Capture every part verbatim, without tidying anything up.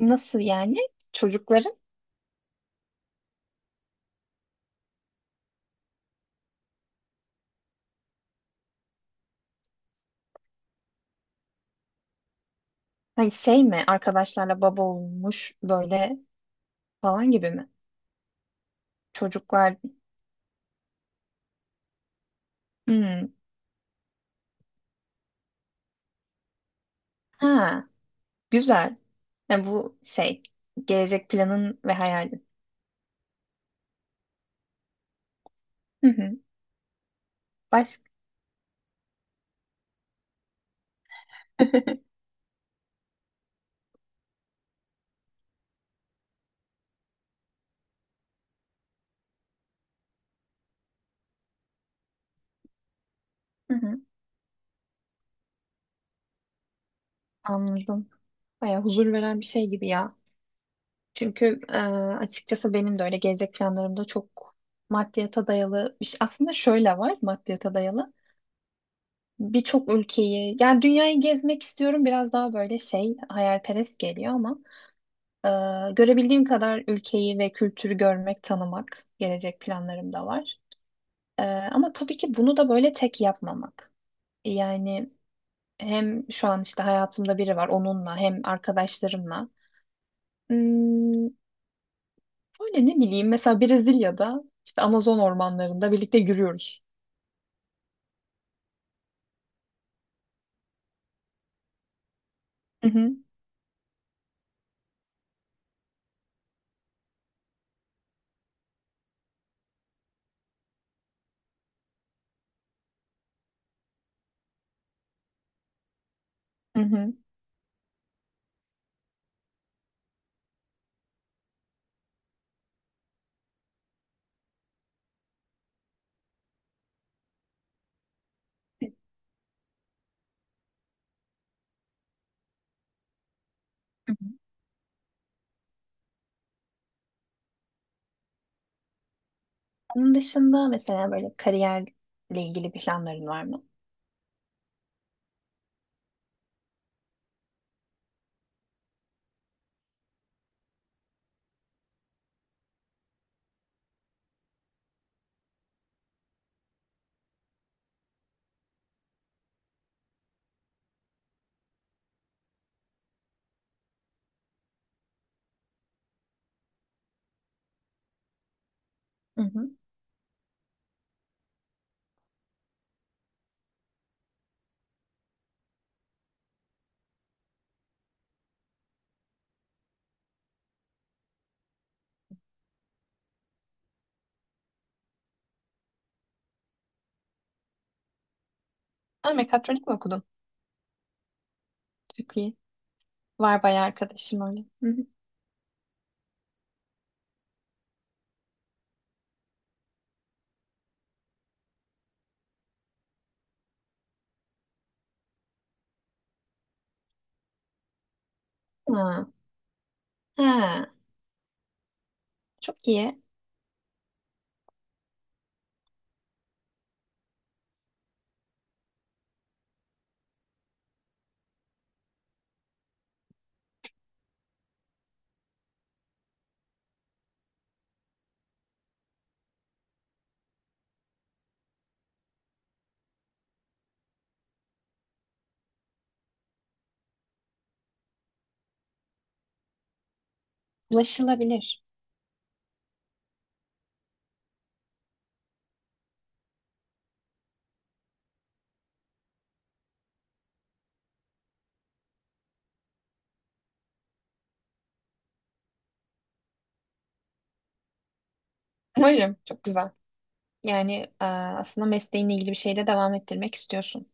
Nasıl yani? Çocukların hani şey mi, arkadaşlarla baba olmuş böyle falan gibi mi? Çocuklar Hmm. Ha, güzel. Yani bu şey, gelecek planın ve hayalin. Hı hı. Baş... Hı hı. Anladım. Baya huzur veren bir şey gibi ya. Çünkü e, açıkçası benim de öyle, gelecek planlarımda çok maddiyata dayalı bir şey. Aslında şöyle var maddiyata dayalı. Birçok ülkeyi, yani dünyayı gezmek istiyorum, biraz daha böyle şey hayalperest geliyor ama Ee, görebildiğim kadar ülkeyi ve kültürü görmek, tanımak gelecek planlarım da var. Ee, ama tabii ki bunu da böyle tek yapmamak. Yani hem şu an işte hayatımda biri var, onunla hem arkadaşlarımla. Hmm, böyle ne bileyim, mesela Brezilya'da işte Amazon ormanlarında birlikte yürüyoruz. Hı hı, hı hı. Hı hı. Onun dışında mesela böyle kariyerle ilgili planların var mı? Hı hı. Ha, mekatronik mi okudun? Çok iyi. Var bayağı arkadaşım öyle. Hı hı. Ha. Ha, çok iyi. Ulaşılabilir. Umarım. Çok güzel. Yani e, aslında mesleğinle ilgili bir şeyde devam ettirmek istiyorsun.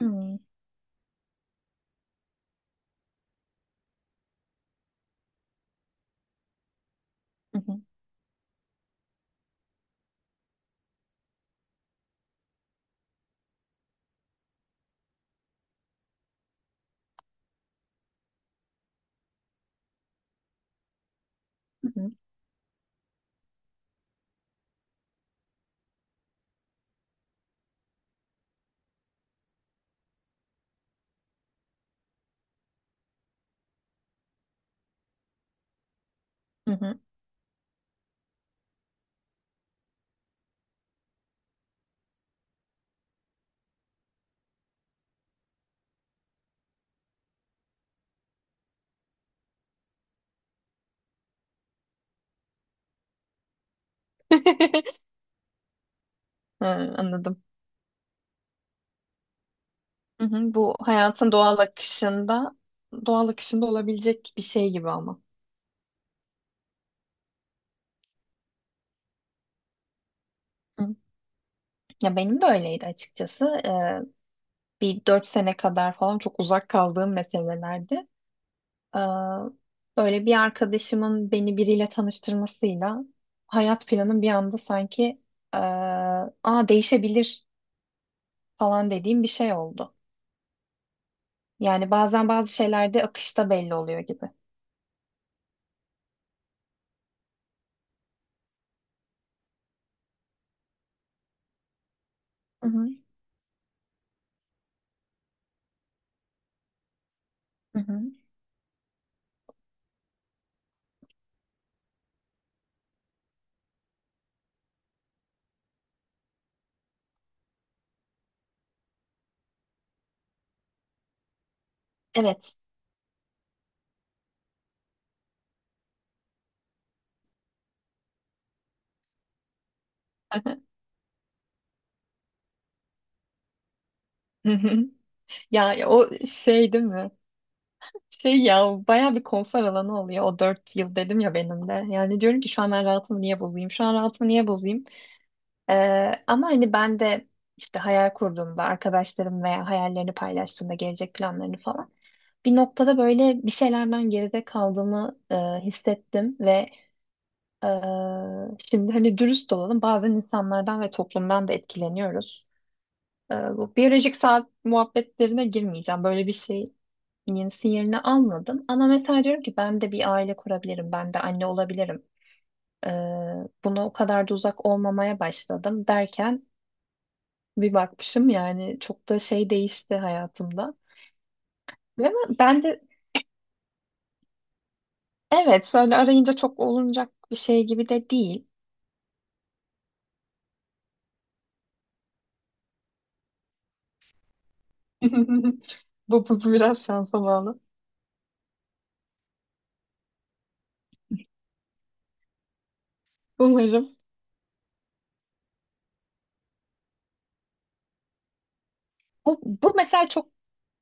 Hmm. Hı hı. Hı hı. Hı hı. Ha, anladım. Hı hı. Bu hayatın doğal akışında, doğal akışında olabilecek bir şey gibi ama. Hı. Ya benim de öyleydi açıkçası. E, bir dört sene kadar falan çok uzak kaldığım meselelerdi. Ee, böyle bir arkadaşımın beni biriyle tanıştırmasıyla hayat planım bir anda sanki ee, aa değişebilir falan dediğim bir şey oldu. Yani bazen bazı şeylerde akışta belli oluyor gibi. Hı hı. Hı hı. Evet. Hı hı. Ya ya, o şey değil mi? Şey ya, baya bir konfor alanı oluyor o dört yıl, dedim ya benim de. Yani diyorum ki, şu an ben rahatımı niye bozayım? Şu an rahatımı niye bozayım? Ee, ama hani ben de işte hayal kurduğumda arkadaşlarım veya hayallerini paylaştığımda, gelecek planlarını falan bir noktada böyle bir şeylerden geride kaldığımı e, hissettim ve e, şimdi hani dürüst olalım, bazen insanlardan ve toplumdan da etkileniyoruz. E, bu biyolojik saat muhabbetlerine girmeyeceğim. Böyle bir şeyin sinyalini almadım ama mesela diyorum ki ben de bir aile kurabilirim, ben de anne olabilirim. E, buna o kadar da uzak olmamaya başladım derken bir bakmışım, yani çok da şey değişti hayatımda. Ve ben ben de, evet, öyle arayınca çok olunacak bir şey gibi de değil. Bu, bu, bu biraz şansa bağlı. Umarım. Bu, bu mesela çok,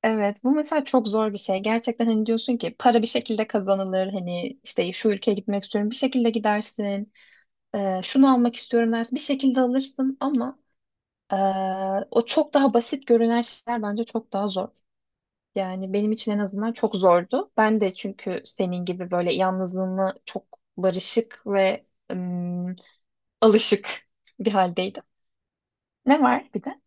evet, bu mesela çok zor bir şey. Gerçekten hani diyorsun ki, para bir şekilde kazanılır. Hani işte şu ülkeye gitmek istiyorum, bir şekilde gidersin. Ee, şunu almak istiyorum dersin, bir şekilde alırsın ama ee, o çok daha basit görünen şeyler bence çok daha zor. Yani benim için en azından çok zordu. Ben de çünkü senin gibi böyle yalnızlığına çok barışık ve ım, alışık bir haldeydim. Ne var bir de?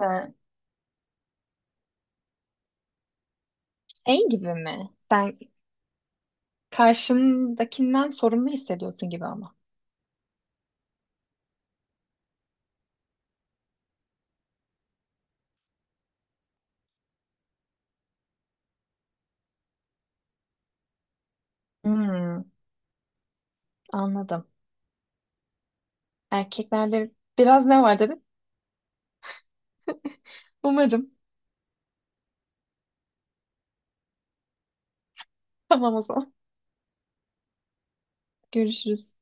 Ee, şey gibi mi? Sen karşındakinden sorumlu hissediyorsun gibi ama. Hmm, anladım. Erkeklerde biraz ne var dedin? Umarım. Tamam, o zaman. Görüşürüz.